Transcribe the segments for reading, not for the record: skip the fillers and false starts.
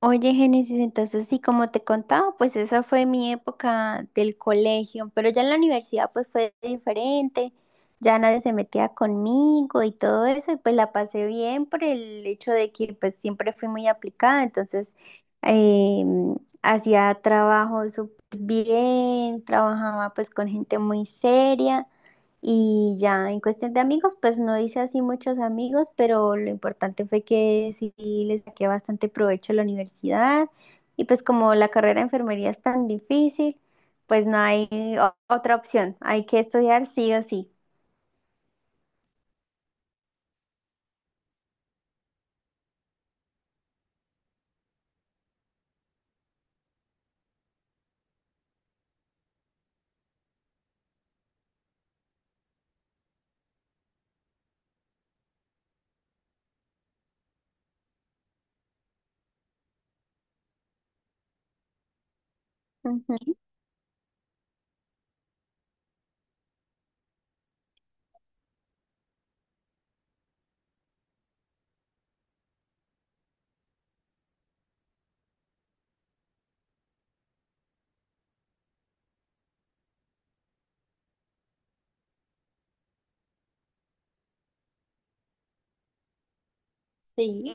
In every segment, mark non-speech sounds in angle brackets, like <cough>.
Oye, Génesis, entonces sí, como te contaba, pues esa fue mi época del colegio, pero ya en la universidad pues fue diferente, ya nadie se metía conmigo y todo eso, y pues la pasé bien por el hecho de que pues siempre fui muy aplicada, entonces eh, hacía trabajo súper bien, trabajaba pues con gente muy seria. Y ya en cuestión de amigos, pues no hice así muchos amigos, pero lo importante fue que sí les saqué bastante provecho a la universidad. Y pues como la carrera de enfermería es tan difícil, pues no hay otra opción. Hay que estudiar sí o sí. Ujú. Sí.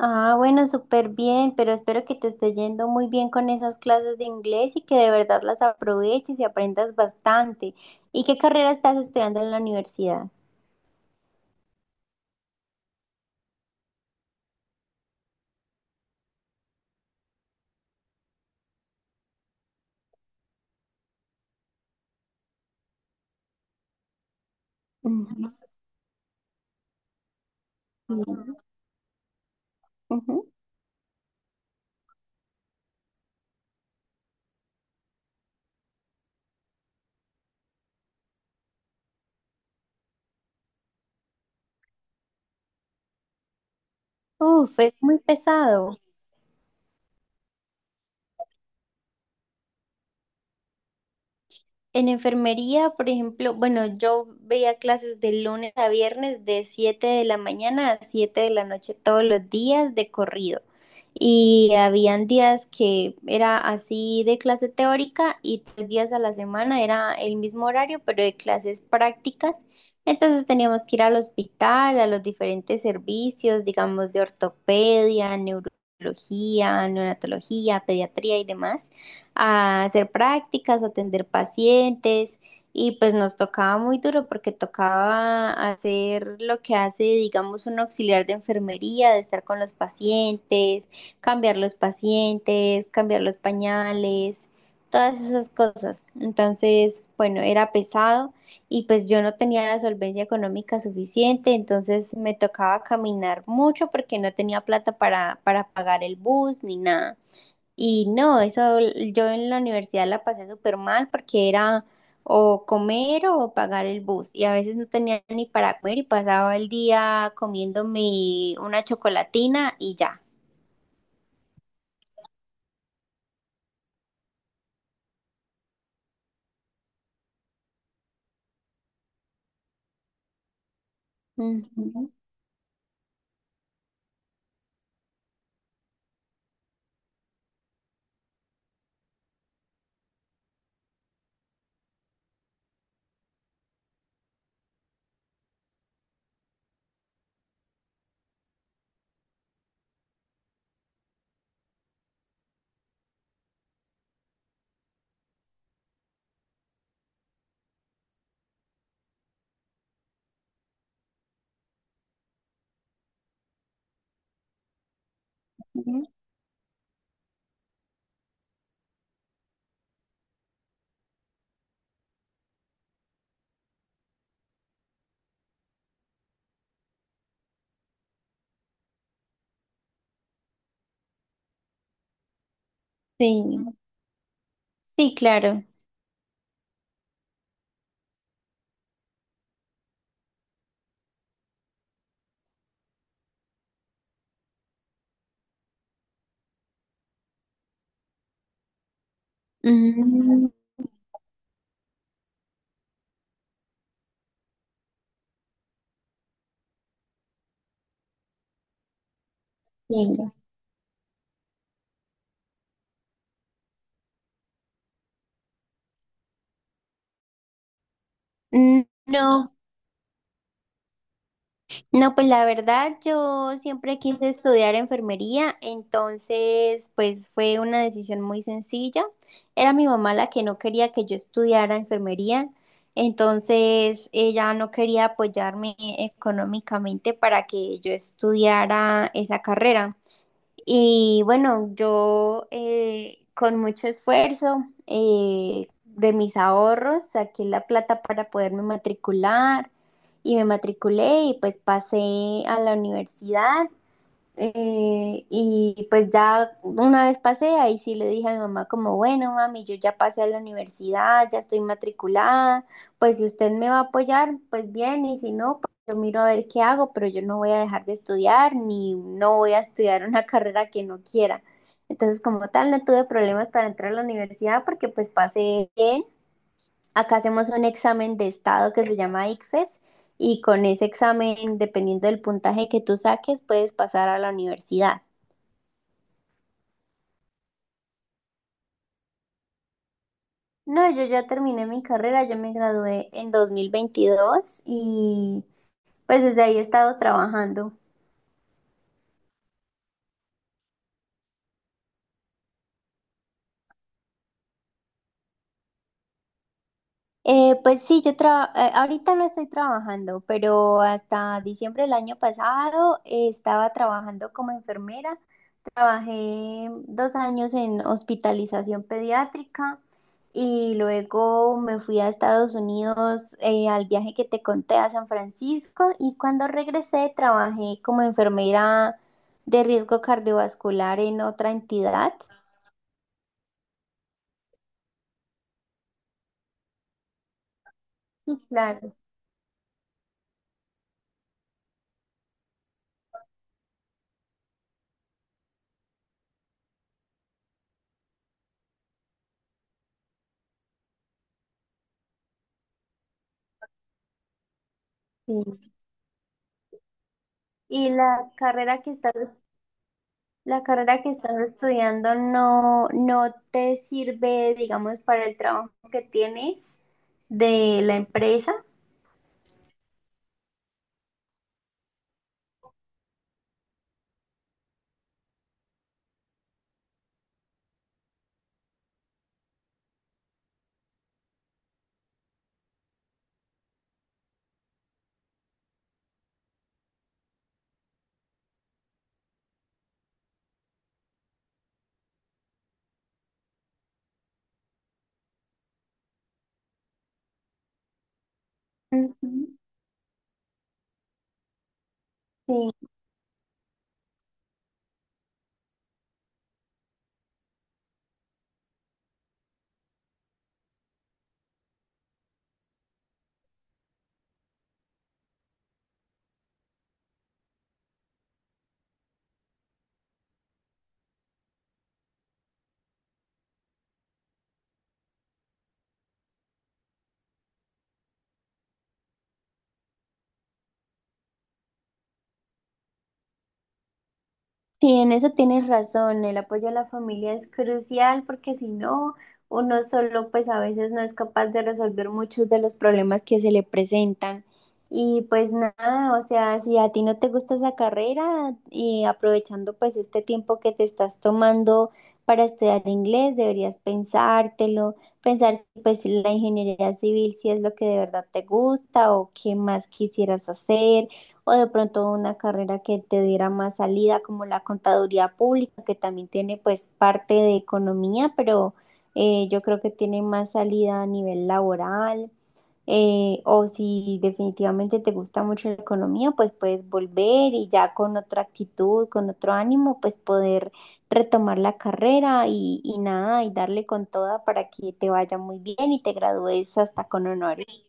Ah, bueno, súper bien, pero espero que te esté yendo muy bien con esas clases de inglés y que de verdad las aproveches y aprendas bastante. ¿Y qué carrera estás estudiando en la universidad? Ujú. Ujú. Uf, es muy pesado. En enfermería, por ejemplo, bueno, yo veía clases de lunes a viernes de 7 de la mañana a 7 de la noche todos los días de corrido. Y habían días que era así de clase teórica y 3 días a la semana era el mismo horario, pero de clases prácticas. Entonces teníamos que ir al hospital, a los diferentes servicios, digamos, de ortopedia, neurología, neonatología, pediatría y demás, a hacer prácticas, a atender pacientes, y pues nos tocaba muy duro porque tocaba hacer lo que hace, digamos, un auxiliar de enfermería, de estar con los pacientes, cambiar los pacientes, cambiar los pañales, todas esas cosas. Entonces, bueno, era pesado y pues yo no tenía la solvencia económica suficiente, entonces me tocaba caminar mucho porque no tenía plata para pagar el bus ni nada. Y no, eso yo en la universidad la pasé súper mal porque era o comer o pagar el bus y a veces no tenía ni para comer y pasaba el día comiéndome una chocolatina y ya. Ujú, ujú. Sí, sí, claro. Mm, sí. Mm, no. No, pues la verdad yo siempre quise estudiar enfermería, entonces pues fue una decisión muy sencilla. Era mi mamá la que no quería que yo estudiara enfermería, entonces ella no quería apoyarme económicamente para que yo estudiara esa carrera. Y bueno, yo con mucho esfuerzo de mis ahorros saqué la plata para poderme matricular y me matriculé y pues pasé a la universidad, y pues ya una vez pasé, ahí sí le dije a mi mamá como, bueno, mami, yo ya pasé a la universidad, ya estoy matriculada, pues si usted me va a apoyar, pues bien, y si no, pues yo miro a ver qué hago, pero yo no voy a dejar de estudiar, ni no voy a estudiar una <laughs> carrera que no quiera. Entonces, como tal, no tuve problemas para entrar a la universidad porque pues pasé bien. Acá hacemos un examen de estado que se llama ICFES y con ese examen, dependiendo del puntaje que tú saques, puedes pasar a la universidad. No, yo ya terminé mi carrera, yo me gradué en 2022 y pues desde ahí he estado trabajando. Pues sí, yo ahorita no estoy trabajando, pero hasta diciembre del año pasado estaba trabajando como enfermera. Trabajé 2 años en hospitalización pediátrica y luego me fui a Estados Unidos, al viaje que te conté a San Francisco, y cuando regresé trabajé como enfermera de riesgo cardiovascular en otra entidad. Sí, claro, sí. Y la carrera que estás estudiando no, no te sirve, digamos, para el trabajo que tienes de la empresa. Ujú, sí. Sí, en eso tienes razón, el apoyo a la familia es crucial porque si no, uno solo pues a veces no es capaz de resolver muchos de los problemas que se le presentan. Y pues nada, o sea, si a ti no te gusta esa carrera y aprovechando pues este tiempo que te estás tomando para estudiar inglés, deberías pensártelo, pensar si, pues la ingeniería civil si es lo que de verdad te gusta o qué más quisieras hacer o de pronto una carrera que te diera más salida, como la contaduría pública, que también tiene pues parte de economía, pero yo creo que tiene más salida a nivel laboral. O si definitivamente te gusta mucho la economía, pues puedes volver y ya con otra actitud, con otro ánimo, pues poder retomar la carrera y nada, y darle con toda para que te vaya muy bien y te gradúes hasta con honores.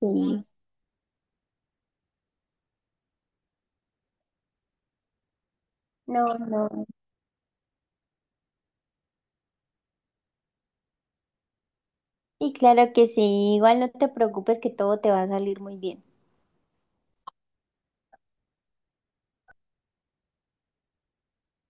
Sí, no, no, no. Y claro que sí, igual no te preocupes que todo te va a salir muy bien.